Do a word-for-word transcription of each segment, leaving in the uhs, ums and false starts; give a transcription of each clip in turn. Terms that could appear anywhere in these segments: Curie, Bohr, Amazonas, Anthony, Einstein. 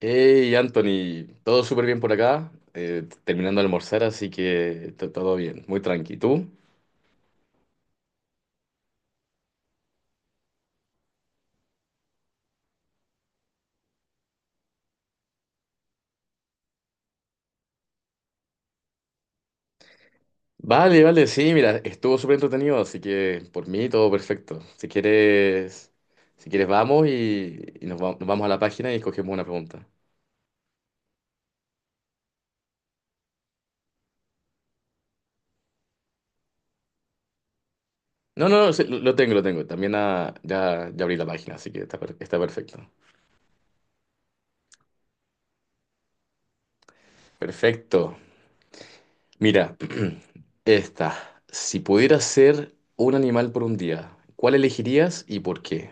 Hey Anthony, todo súper bien por acá, eh, terminando de almorzar, así que to- todo bien, muy tranqui. ¿Tú? Vale, vale, sí, mira, estuvo súper entretenido, así que por mí todo perfecto. Si quieres, si quieres vamos y, y nos, va- nos vamos a la página y escogemos una pregunta. No, no, no, sí, lo lo tengo, lo tengo. También ah, ya, ya abrí la página, así que está, per- está perfecto. Perfecto. Mira, esta. Si pudieras ser un animal por un día, ¿cuál elegirías y por qué?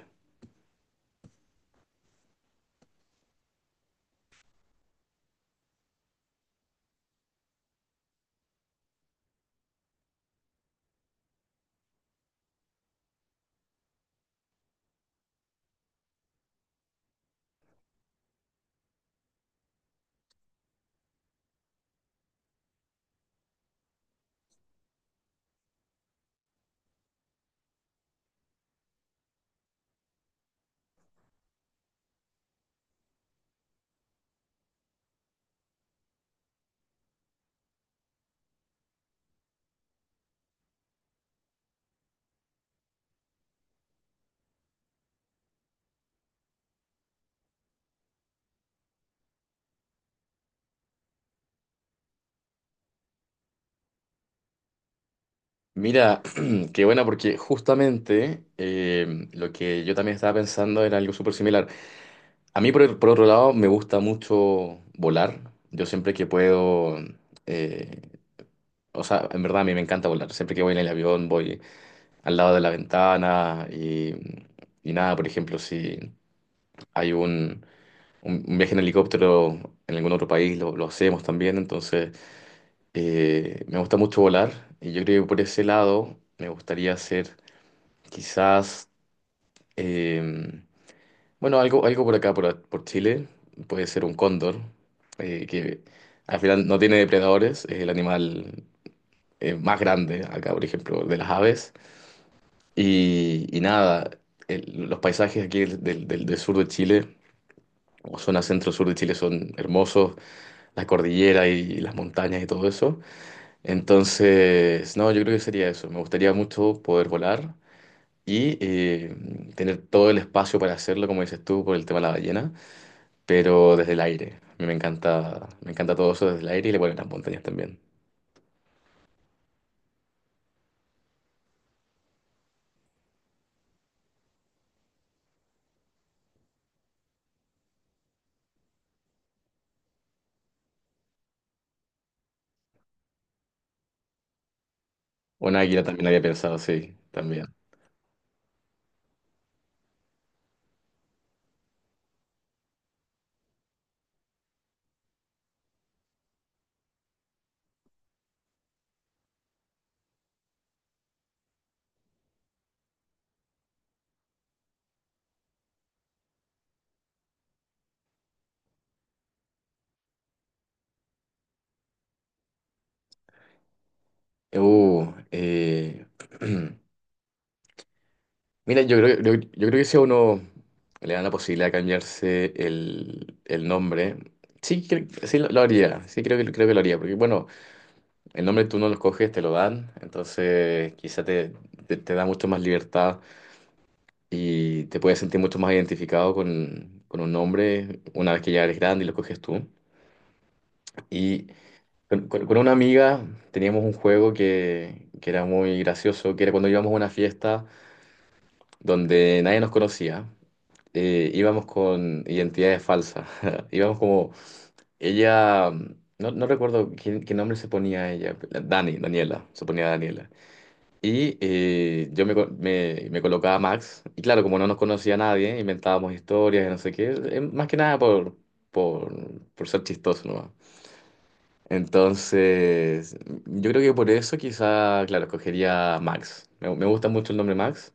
Mira, qué buena, porque justamente eh, lo que yo también estaba pensando era algo súper similar. A mí, por, el- por otro lado, me gusta mucho volar. Yo, siempre que puedo, eh, o sea, en verdad a mí me encanta volar. Siempre que voy en el avión, voy al lado de la ventana y, y nada, por ejemplo, si hay un, un- un viaje en helicóptero en algún otro país, lo, lo hacemos también. Entonces, eh, me gusta mucho volar y yo creo que por ese lado me gustaría hacer. Quizás. Eh, bueno, algo, algo por acá, por, por Chile, puede ser un cóndor, eh, que al final no tiene depredadores, es el animal, eh, más grande acá, por ejemplo, de las aves. Y, y nada, el- los paisajes aquí del, del- del- del sur de Chile, o zona centro-sur de Chile, son hermosos, la cordillera, y, las montañas y todo eso. Entonces, no, yo creo que sería eso. Me gustaría mucho poder volar. Y eh, tener todo el espacio para hacerlo, como dices tú, por el tema de la ballena, pero desde el aire. A mí me encanta, me encanta todo eso desde el aire y le vuelven las montañas también. Una águila también había pensado, sí, también. Uh, eh, mira, yo creo, yo, yo creo que, si a uno le dan la posibilidad de cambiarse el, el nombre, sí, cre- sí lo, lo haría, sí creo que, creo que, lo haría, porque bueno, el nombre tú no lo escoges, te lo dan, entonces quizá te, te, te da mucho más libertad y te puedes sentir mucho más identificado con, con un nombre una vez que ya eres grande y lo coges tú. Y con, con- con una amiga teníamos un juego que, que era muy gracioso, que era cuando íbamos a una fiesta donde nadie nos conocía, eh, íbamos con identidades falsas. Íbamos como, ella, no, no recuerdo qué, qué nombre se ponía ella, Dani, Daniela, se ponía Daniela. Y eh, yo me, co- me, me colocaba Max, y claro, como no nos conocía nadie, inventábamos historias y no sé qué, eh, más que nada por, por, por, ser chistoso, ¿no? Entonces, yo creo que por eso quizá, claro, escogería Max. Me, me gusta mucho el nombre Max.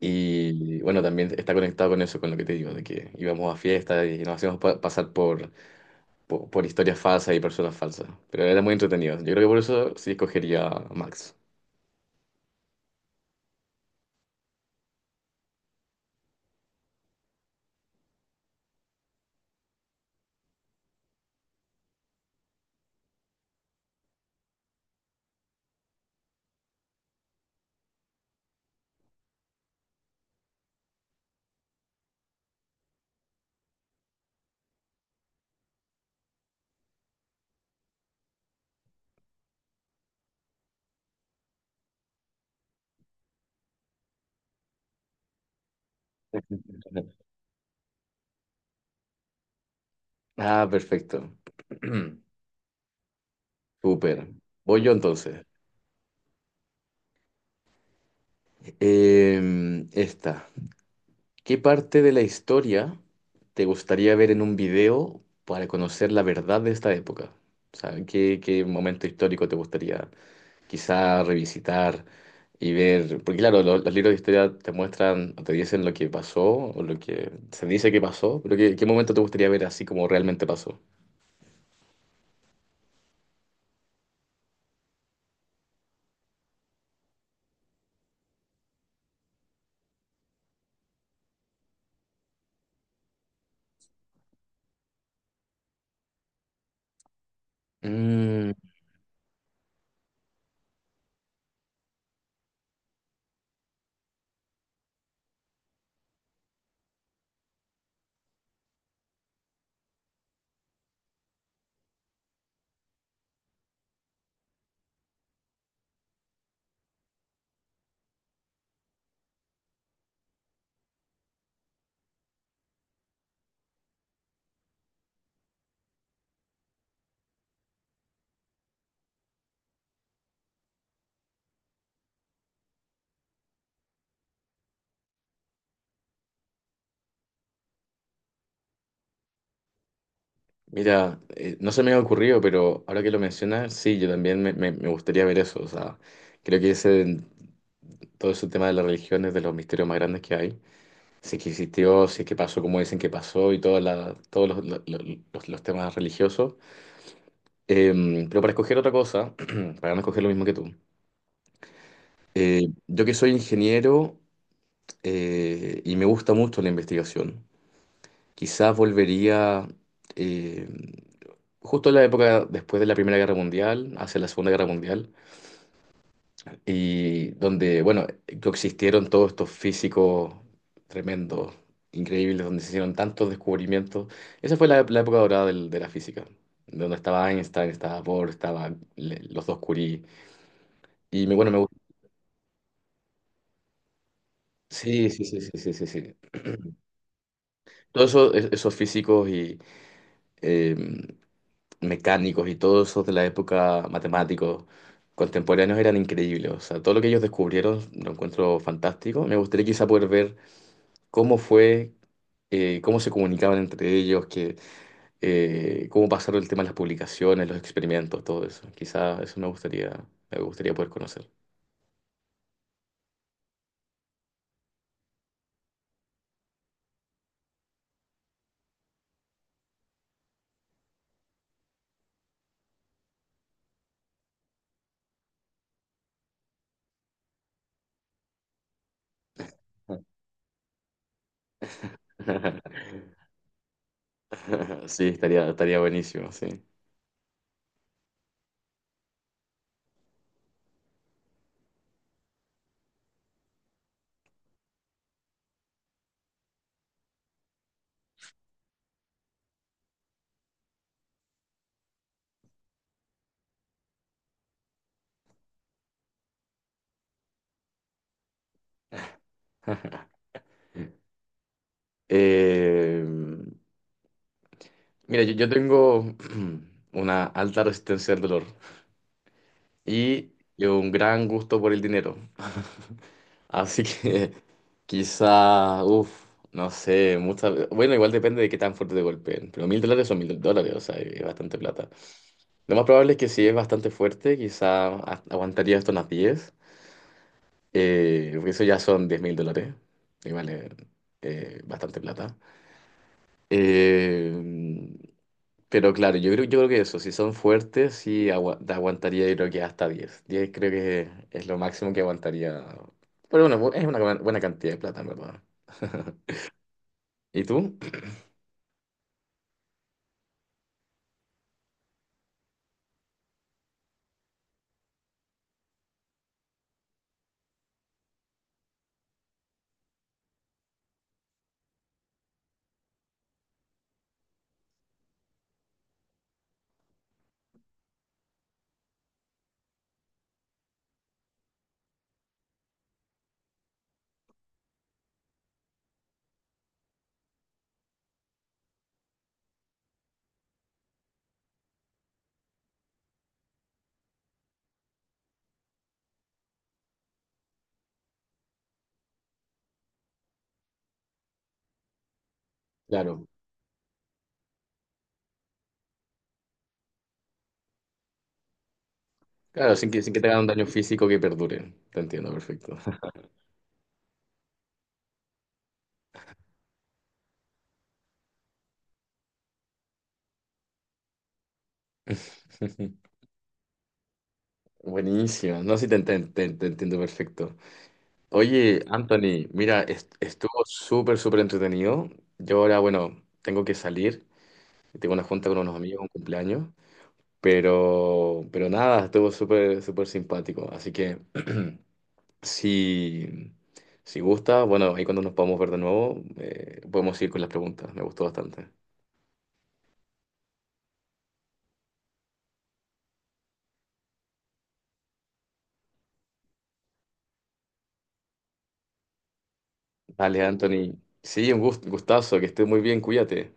Y bueno, también está conectado con eso, con lo que te digo, de que íbamos a fiestas y nos hacíamos pa- pasar por, por, por historias falsas y personas falsas. Pero era muy entretenido. Yo creo que por eso sí escogería Max. Ah, perfecto. Súper. Voy yo entonces. Em, esta. ¿Qué parte de la historia te gustaría ver en un video para conocer la verdad de esta época? O sea, ¿qué, qué, momento histórico te gustaría quizá revisitar y ver? Porque claro, lo- los, libros de historia te muestran o te dicen lo que pasó o lo que se dice que pasó, pero ¿qué, qué, momento te gustaría ver así como realmente pasó? Mm, mira, eh, no se me ha ocurrido, pero ahora que lo mencionas, sí, yo también me, me- me gustaría ver eso. O sea, creo que ese, todo ese tema de las religiones, de los misterios más grandes que hay. Sí que existió, sí que pasó como dicen que pasó y toda la- todos los, lo- lo- los- los temas religiosos. Eh, pero para escoger otra cosa, para no escoger lo mismo que tú, eh, yo que soy ingeniero, eh, y me gusta mucho la investigación, quizás volvería, eh, justo en la época después de la Primera Guerra Mundial, hacia la Segunda Guerra Mundial, y donde, bueno, coexistieron todos estos físicos tremendos, increíbles, donde se hicieron tantos descubrimientos. Esa fue la, la época dorada del- de la física, donde estaba Einstein, estaba Bohr, estaban los dos Curie. Y me, bueno, me gusta. Sí, sí, sí, sí, sí, sí, sí. Todos esos, es- esos físicos y, eh, mecánicos y todos esos de la época, matemáticos contemporáneos, eran increíbles. O sea, todo lo que ellos descubrieron lo encuentro fantástico. Me gustaría quizá poder ver cómo fue, eh, cómo se comunicaban entre ellos, que, eh, cómo pasaron el tema de las publicaciones, los experimentos, todo eso. Quizá eso me gustaría, me gustaría poder conocer. Sí, estaría, estaría buenísimo, sí. Eh, mira, yo, yo tengo una alta resistencia al dolor y un gran gusto por el dinero. Así que quizá, uff, no sé, muchas. Bueno, igual depende de qué tan fuerte te golpeen, pero mil dólares son mil dólares, o sea, es bastante plata. Lo más probable es que sí es bastante fuerte, quizá a- aguantaría esto unas diez, eh, porque eso ya son diez mil dólares, y vale, eh, bastante plata. Eh, pero claro, yo creo, yo creo que eso, si son fuertes, sí agua- aguantaría, yo creo que hasta diez diez creo que es lo máximo que aguantaría. Pero bueno, es una buena buena cantidad de plata, en verdad. ¿Y tú? Claro, claro, sin que, sin que, te hagan un daño físico que perdure. Te entiendo perfecto. Buenísimo, no, sí te, enten- te- te entiendo perfecto. Oye, Anthony, mira, est- estuvo súper, súper entretenido. Yo ahora, bueno, tengo que salir. Tengo una junta con unos amigos, un cumpleaños. Pero, pero nada, estuvo súper, súper simpático. Así que, si, si gusta, bueno, ahí cuando nos podamos ver de nuevo, eh, podemos ir con las preguntas. Me gustó bastante. Dale, Anthony. Sí, un gust- gustazo, que estés muy bien, cuídate.